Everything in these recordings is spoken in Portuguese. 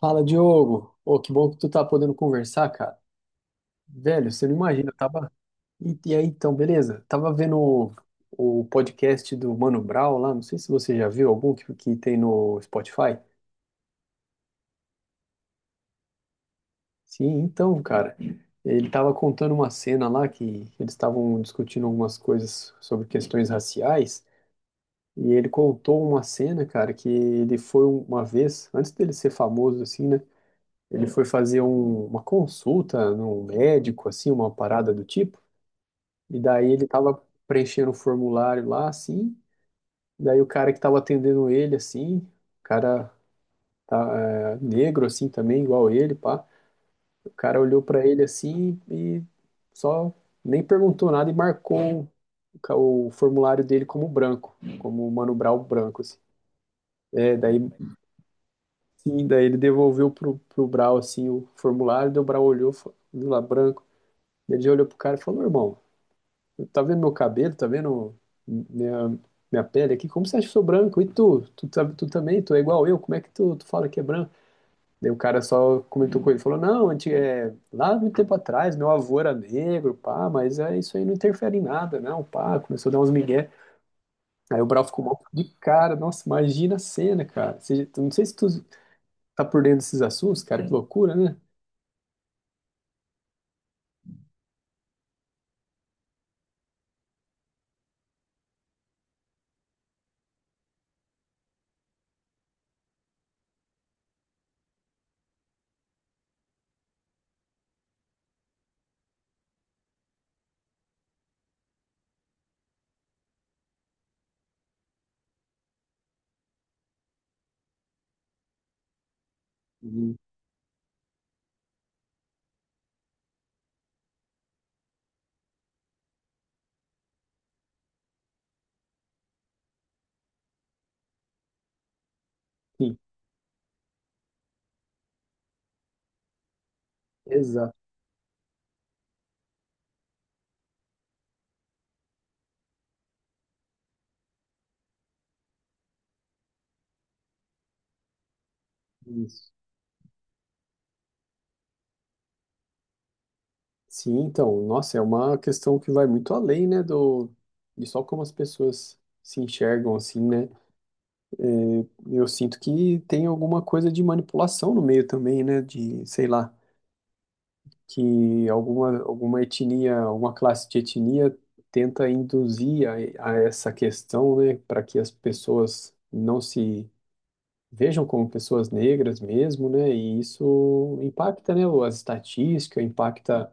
Fala, Diogo. Ô, que bom que tu tá podendo conversar, cara. Velho, você não imagina, eu tava. E aí, então, beleza? Tava vendo o podcast do Mano Brown lá, não sei se você já viu algum que tem no Spotify. Sim, então, cara, ele tava contando uma cena lá que eles estavam discutindo algumas coisas sobre questões raciais, e ele contou uma cena, cara, que ele foi uma vez, antes dele ser famoso, assim, né? Ele foi fazer uma consulta num médico, assim, uma parada do tipo. E daí ele tava preenchendo um formulário lá, assim. Daí o cara que tava atendendo ele, assim, o cara tá, é, negro, assim, também, igual ele, pá. O cara olhou pra ele, assim, e só nem perguntou nada e marcou o formulário dele como branco, como o Mano Brown branco, assim. É, daí, sim, daí ele devolveu pro Brau, assim, o formulário, daí o Brau olhou, e falou, viu lá, branco. Ele já olhou pro cara e falou: meu irmão, tá vendo meu cabelo? Tá vendo minha, minha pele aqui? Como você acha que eu sou branco? E tu? Tu também? Tu é igual eu? Como é que tu fala que é branco? Daí o cara só comentou com ele, falou, não, antes, é, lá muito tempo atrás, meu avô era negro, pá, mas é, isso aí não interfere em nada, não, pá, começou a dar uns migué. Aí o Brau ficou mal de cara, nossa, imagina a cena, cara. Você, não sei se tu tá por dentro desses assuntos, cara, que loucura, né? Sim, exato. Isso. Sim, então, nossa, é uma questão que vai muito além, né, de só como as pessoas se enxergam, assim, né. É, eu sinto que tem alguma coisa de manipulação no meio também, né, de, sei lá, que alguma etnia, alguma classe de etnia tenta induzir a essa questão, né, para que as pessoas não se vejam como pessoas negras mesmo, né, e isso impacta, né, as estatísticas, impacta,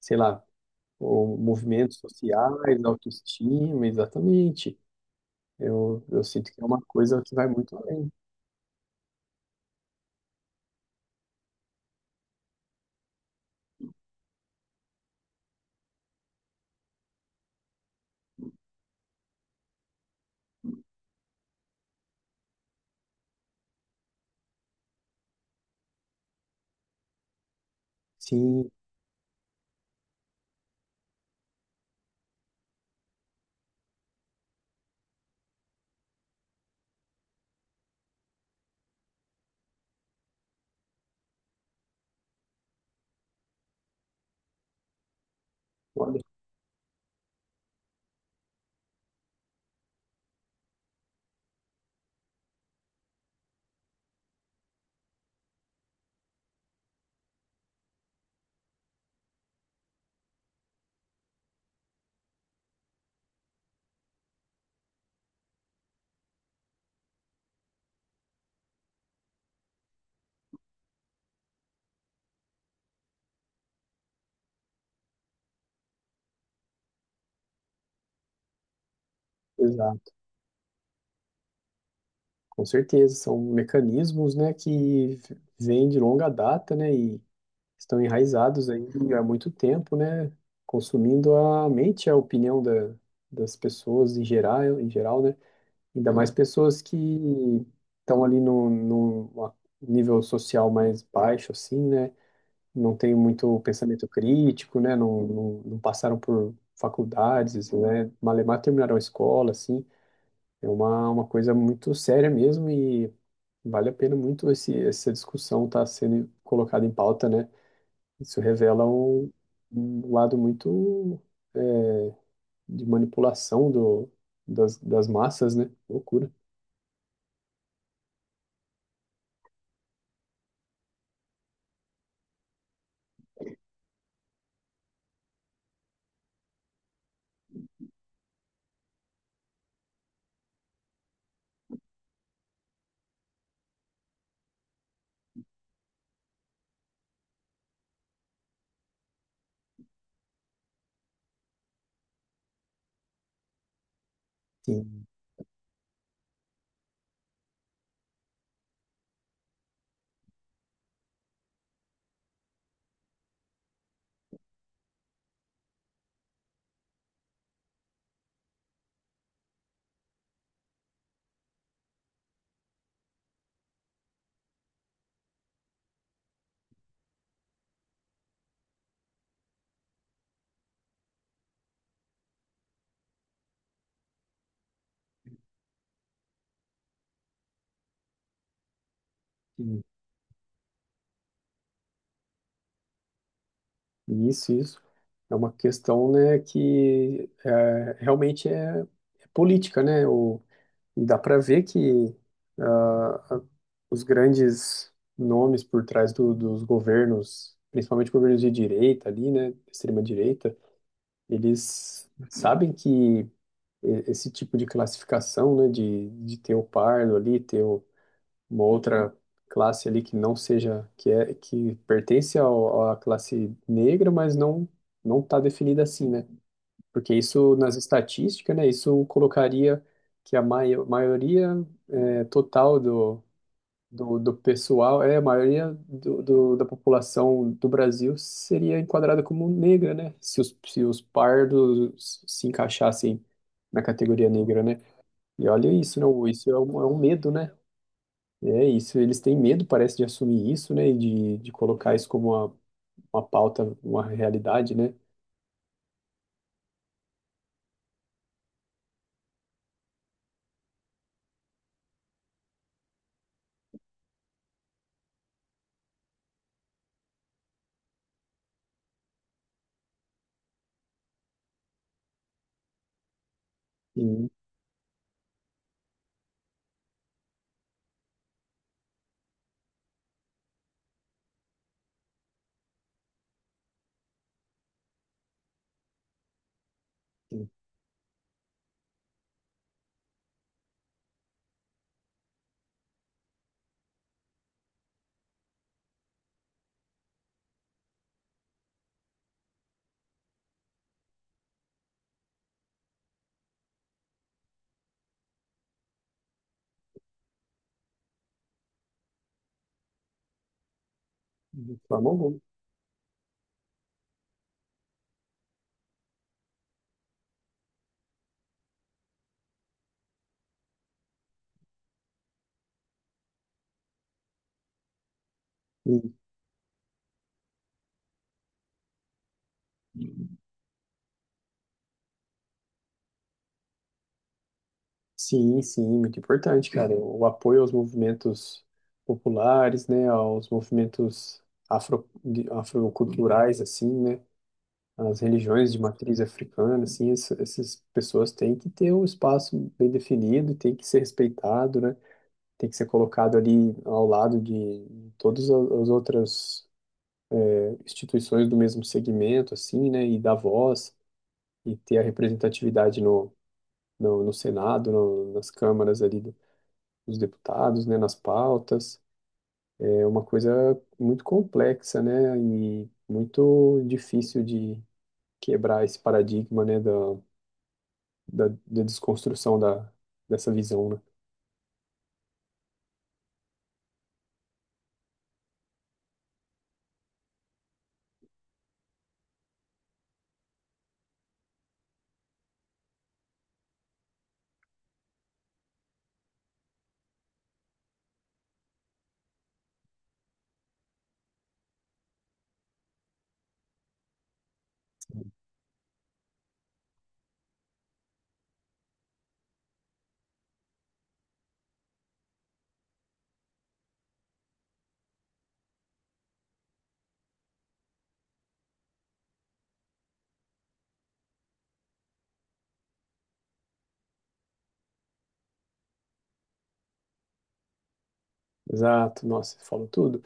sei lá, ou movimentos sociais, autoestima, exatamente. Eu sinto que é uma coisa que vai muito além. Sim, olha, exato, com certeza. São mecanismos, né, que vêm de longa data, né, e estão enraizados aí há muito tempo, né, consumindo a mente, a opinião das pessoas em geral, né, ainda mais pessoas que estão ali no nível social mais baixo, assim, né, não têm muito pensamento crítico, né? Não passaram por faculdades, né? Malemar terminaram a escola, assim. É uma coisa muito séria mesmo e vale a pena muito essa discussão estar sendo colocada em pauta, né? Isso revela um lado muito é, de manipulação das massas, né? Loucura. Sim. Sim. Isso. É uma questão, né, que é, realmente é, é política, né? E dá para ver que ah, os grandes nomes por trás dos governos, principalmente governos de direita ali, né, extrema direita, eles sabem que esse tipo de classificação, né, de ter o pardo ali, uma outra classe ali que não seja, que é que pertence à classe negra, mas não está definida assim, né? Porque isso, nas estatísticas, né, isso colocaria que a maioria eh, total do pessoal, é, a maioria da população do Brasil seria enquadrada como negra, né? Se os pardos se encaixassem na categoria negra, né? E olha isso, não, isso é é um medo, né? É isso, eles têm medo, parece, de assumir isso, né? E de colocar isso como uma pauta, uma realidade, né? E, e de forma alguma. Sim, sim, muito importante, cara. O apoio aos movimentos populares, né, aos movimentos afro, afroculturais, assim, né, as religiões de matriz africana, assim, essas pessoas têm que ter um espaço bem definido, tem que ser respeitado, né, tem que ser colocado ali ao lado de todas a- as outras instituições do mesmo segmento, assim, né, e dar voz e ter a representatividade no Senado, no, nas câmaras ali dos deputados, né, nas pautas. É uma coisa muito complexa, né, e muito difícil de quebrar esse paradigma, né, da desconstrução dessa visão, né. Exato, nossa, você falou tudo.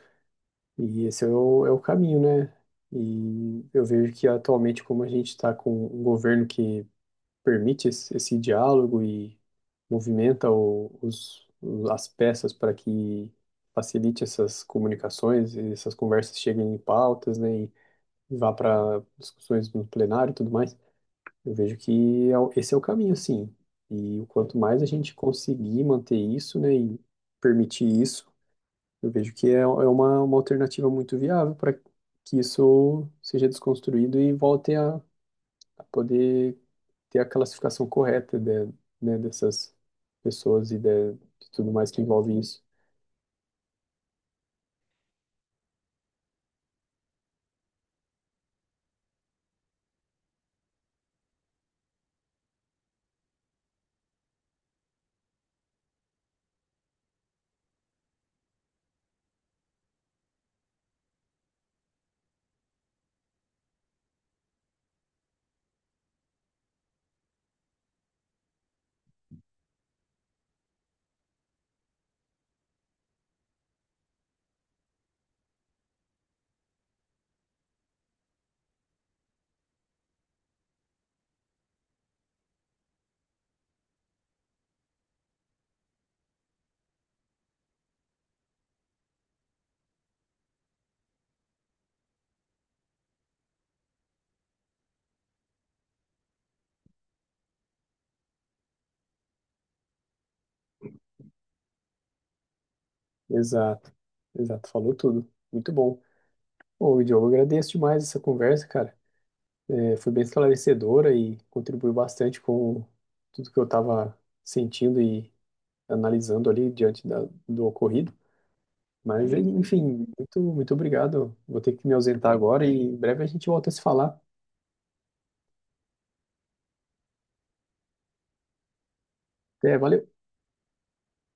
E esse é é o caminho, né? E eu vejo que atualmente, como a gente está com um governo que permite esse diálogo e movimenta as peças para que facilite essas comunicações, e essas conversas cheguem em pautas, né, e vá para discussões no plenário e tudo mais. Eu vejo que é esse é o caminho, sim. E o quanto mais a gente conseguir manter isso, né, e permitir isso, eu vejo que é, é uma alternativa muito viável para que isso seja desconstruído e volte a para poder ter a classificação correta de, né, dessas pessoas e de tudo mais que envolve isso. Exato, exato, falou tudo. Muito bom. Bom, Diogo, eu agradeço demais essa conversa, cara. É, foi bem esclarecedora e contribuiu bastante com tudo que eu estava sentindo e analisando ali diante da, do ocorrido. Mas, enfim, muito obrigado. Vou ter que me ausentar agora e em breve a gente volta a se falar. Até, valeu.